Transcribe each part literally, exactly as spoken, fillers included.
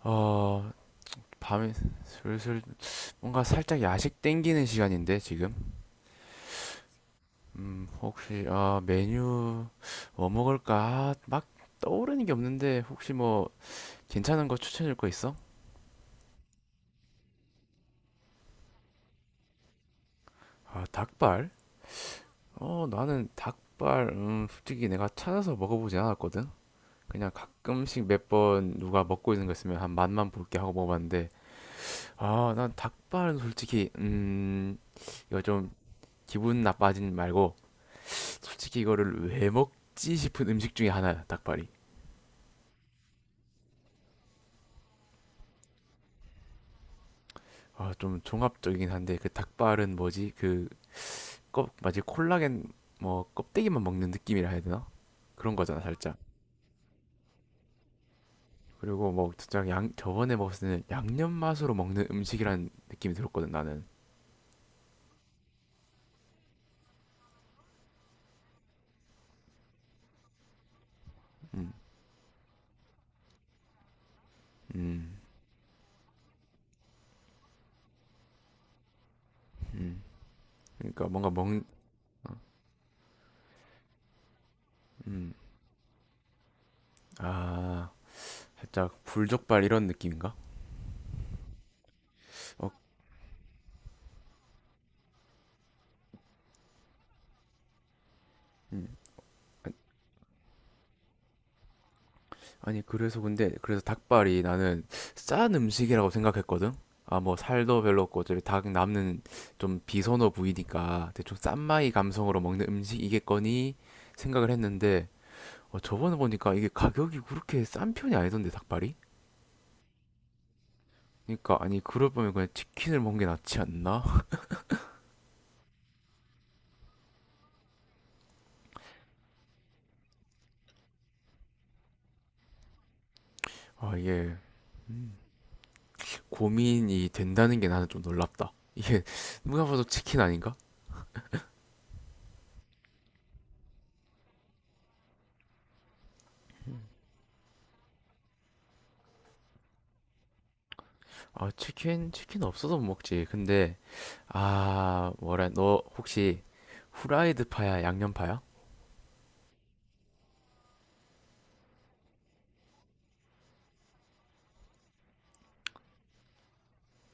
어, 밤에 슬슬 뭔가 살짝 야식 땡기는 시간인데 지금. 음, 혹시 어, 메뉴 뭐 먹을까? 아, 막 떠오르는 게 없는데 혹시 뭐 괜찮은 거 추천해 줄 거 있어? 아, 닭발? 어, 나는 닭발 음, 솔직히 내가 찾아서 먹어보지 않았거든. 그냥 가끔씩 몇 번 누가 먹고 있는 거 있으면 한 맛만 볼게 하고 먹어봤는데 아, 난 닭발은 솔직히 음, 이거 좀 기분 나빠진 말고 솔직히 이거를 왜 먹지 싶은 음식 중에 하나야 닭발이. 아 좀 종합적이긴 한데 그 닭발은 뭐지 그 껍 마치 콜라겐 뭐 껍데기만 먹는 느낌이라 해야 되나 그런 거잖아 살짝. 그리고 뭐 진짜 양 저번에 먹었을 때는 양념 맛으로 먹는 음식이란 느낌이 들었거든 나는. 음. 음, 음. 그러니까 뭔가 먹 음 아 살짝 불족발 이런 느낌인가. 어. 음. 아니 그래서 근데 그래서 닭발이 나는 싼 음식이라고 생각했거든. 아 뭐 살도 별로 없고 어차피 닭 남는 좀 비선호 부위니까 대충 싼마이 감성으로 먹는 음식이겠거니 생각을 했는데 어, 저번에 보니까 이게 가격이 그렇게 싼 편이 아니던데 닭발이? 그러니까 아니 그럴 바면 그냥 치킨을 먹는 게 낫지 않나? 아 이게 고민이 된다는 게 나는 좀 놀랍다. 이게 누가 봐도 치킨 아닌가? 아, 치킨? 치킨 없어서 못 먹지. 근데, 아, 뭐라, 너 혹시 후라이드 파야, 양념 파야?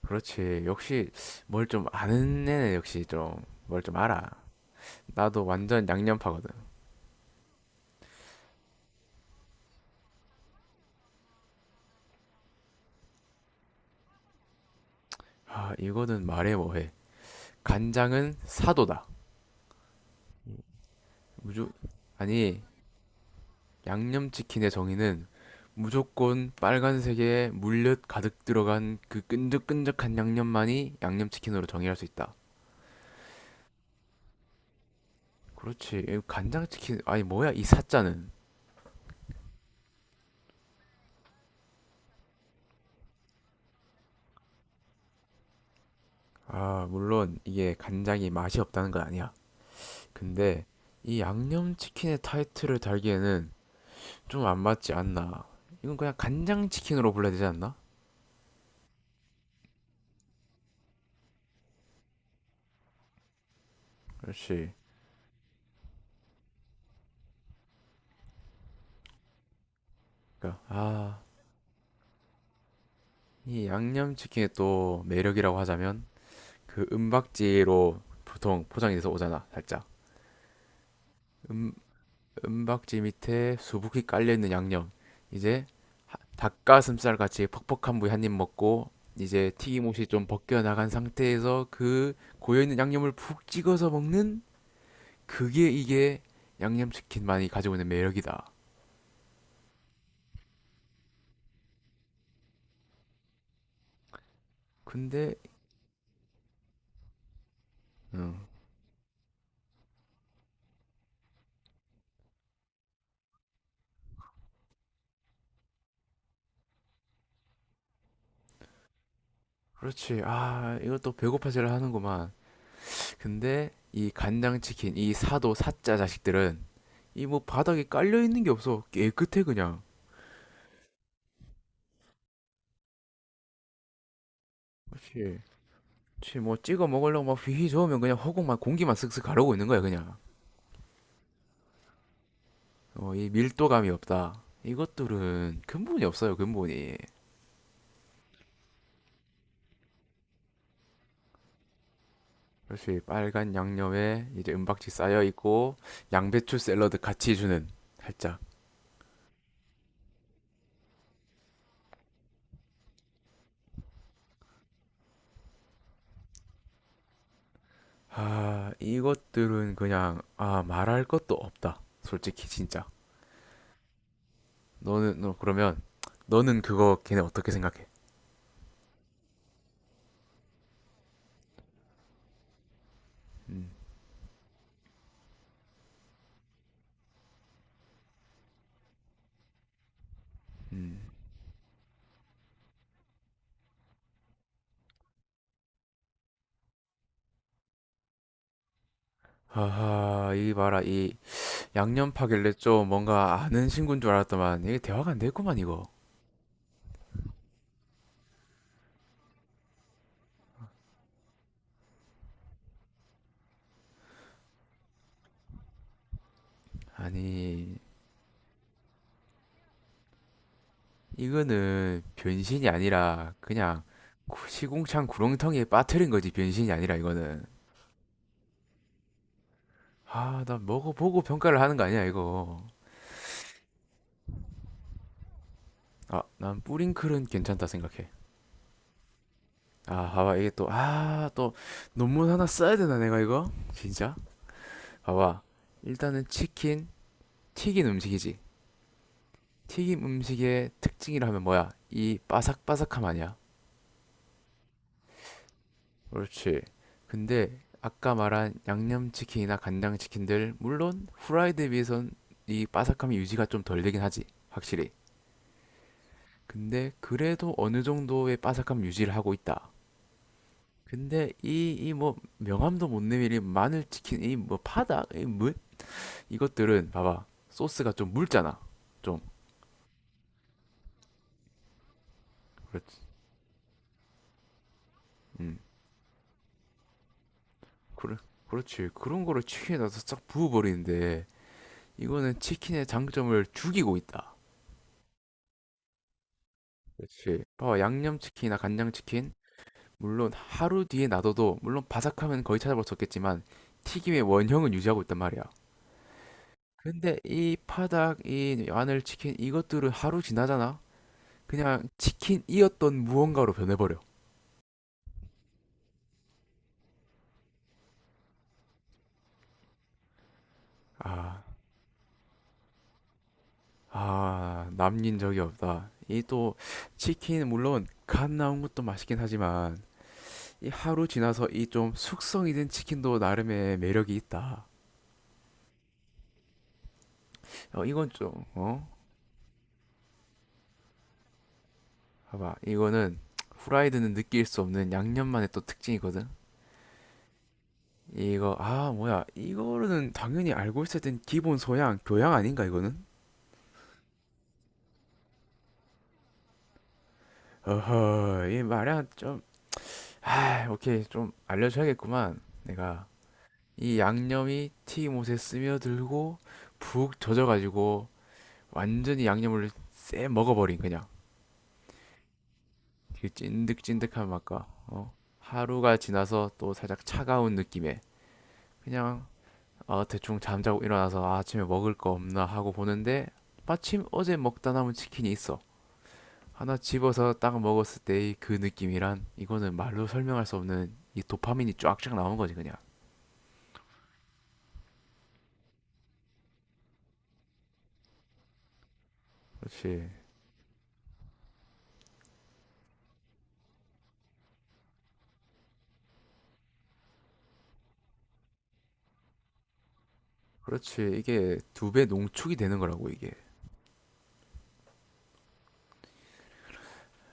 그렇지. 역시 뭘 좀 아는 애는 역시 좀 뭘 좀 알아. 나도 완전 양념 파거든. 아, 이거는 말해 뭐해. 간장은 사도다. 무조, 아니, 양념 치킨의 정의는 무조건 빨간색에 물엿 가득 들어간 그 끈적끈적한 양념만이 양념 치킨으로 정의할 수 있다. 그렇지. 이 간장치킨, 아니, 뭐야, 이 사자는. 아, 물론 이게 간장이 맛이 없다는 건 아니야. 근데 이 양념치킨의 타이틀을 달기에는 좀 안 맞지 않나. 이건 그냥 간장치킨으로 불러야 되지 않나? 그렇지. 그러니까, 아, 이 양념치킨의 또 매력이라고 하자면 그 은박지로 보통 포장이 돼서 오잖아, 살짝. 음, 은박지 밑에 수북히 깔려있는 양념. 이제 닭가슴살 같이 퍽퍽한 부위 한입 먹고 이제 튀김옷이 좀 벗겨나간 상태에서 그 고여있는 양념을 푹 찍어서 먹는 그게 이게 양념치킨만이 가지고 있는 매력이다. 근데 음, 그렇지. 아, 이것도 배고파지를 하는구만. 근데 이 간장치킨, 이 사도 사짜 자식들은 이 뭐 바닥에 깔려있는 게 없어. 깨끗해 그냥. 그렇지. 그치, 뭐 찍어 먹으려고 막 휘휘 저으면 그냥 허공만 공기만 슥슥 가르고 있는 거야 그냥. 어, 이 밀도감이 없다 이것들은 근본이 없어요 근본이. 역시 빨간 양념에 이제 은박지 쌓여 있고 양배추 샐러드 같이 주는 살짝 아 이것들은 그냥 아 말할 것도 없다 솔직히 진짜. 너는 너 그러면 너는 그거 걔네 어떻게 생각해? 음. 음. 하하 이 봐라 이 양념 파길래 좀 뭔가 아는 친구인 줄 알았더만 이게 대화가 안 됐구만 이거. 아니, 이거는 변신이 아니라 그냥 구- 시궁창 구렁텅이에 빠뜨린 거지, 변신이 아니라 이거는. 아, 난 먹어보고 평가를 하는 거 아니야, 이거. 아, 난 뿌링클은 괜찮다 생각해. 아, 봐봐, 이게 또, 아, 또 논문 하나 써야 되나, 내가 이거? 진짜? 봐봐. 일단은 치킨, 튀긴 음식이지. 튀김 음식의 특징이라면 뭐야? 이 바삭바삭함 아니야? 그렇지. 근데 아까 말한 양념치킨이나 간장치킨들 물론 후라이드에 비해선 이 바삭함이 유지가 좀 덜 되긴 하지. 확실히. 근데 그래도 어느 정도의 바삭함 유지를 하고 있다. 근데 이 이 뭐 명함도 못 내밀이 마늘치킨 이 뭐 파다 이뭐 이것들은 봐봐 소스가 좀 묽잖아. 좀. 그렇지. 음 그래 그렇지. 그런 거를 치킨에 넣어서 싹 부어버리는데 이거는 치킨의 장점을 죽이고 있다. 그렇지. 봐 양념치킨이나 간장치킨, 물론 하루 뒤에 놔둬도, 물론 바삭하면 거의 찾아볼 수 없겠지만 튀김의 원형은 유지하고 있단 말이야. 근데 이 파닭, 이 마늘치킨, 이것들은 하루 지나잖아? 그냥 치킨이었던 무언가로 변해버려. 아, 아, 남긴 적이 없다. 이 또, 치킨, 물론, 간 나온 것도 맛있긴 하지만, 이 하루 지나서 이 좀 숙성이 된 치킨도 나름의 매력이 있다. 어, 이건 좀, 어? 봐봐 이거는 후라이드는 느낄 수 없는 양념만의 또 특징이거든. 이거 아 뭐야 이거는 당연히 알고 있어야 된 기본 소양 교양 아닌가 이거는. 어허 이 말이야 좀아 오케이 좀 알려줘야겠구만 내가. 이 양념이 튀김옷에 스며들고 푹 젖어가지고 완전히 양념을 쎄 먹어버린 그냥 그 찐득찐득한 맛과 어 하루가 지나서 또 살짝 차가운 느낌의 그냥 아, 대충 잠자고 일어나서 아, 아침에 먹을 거 없나 하고 보는데 마침 어제 먹다 남은 치킨이 있어. 하나 집어서 딱 먹었을 때의 그 느낌이란 이거는 말로 설명할 수 없는 이 도파민이 쫙쫙 나오는 거지 그냥. 그렇지. 그렇지. 이게 두 배 농축이 되는 거라고 이게.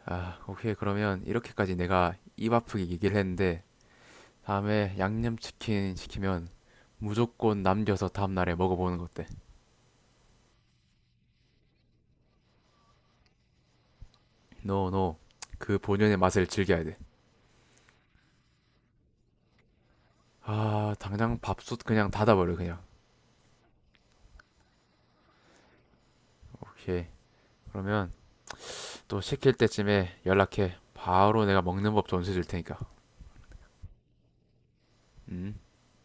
아, 오케이. 그러면 이렇게까지 내가 입 아프게 얘기를 했는데 다음에 양념치킨 시키면 무조건 남겨서 다음날에 먹어보는 것 어때? 노노. 그 본연의 맛을 즐겨야 돼. 아, 당장 밥솥 그냥 닫아버려, 그냥. 오케이. 그러면 또 시킬 때쯤에 연락해. 바로 내가 먹는 법 전수해 줄 테니까. 음.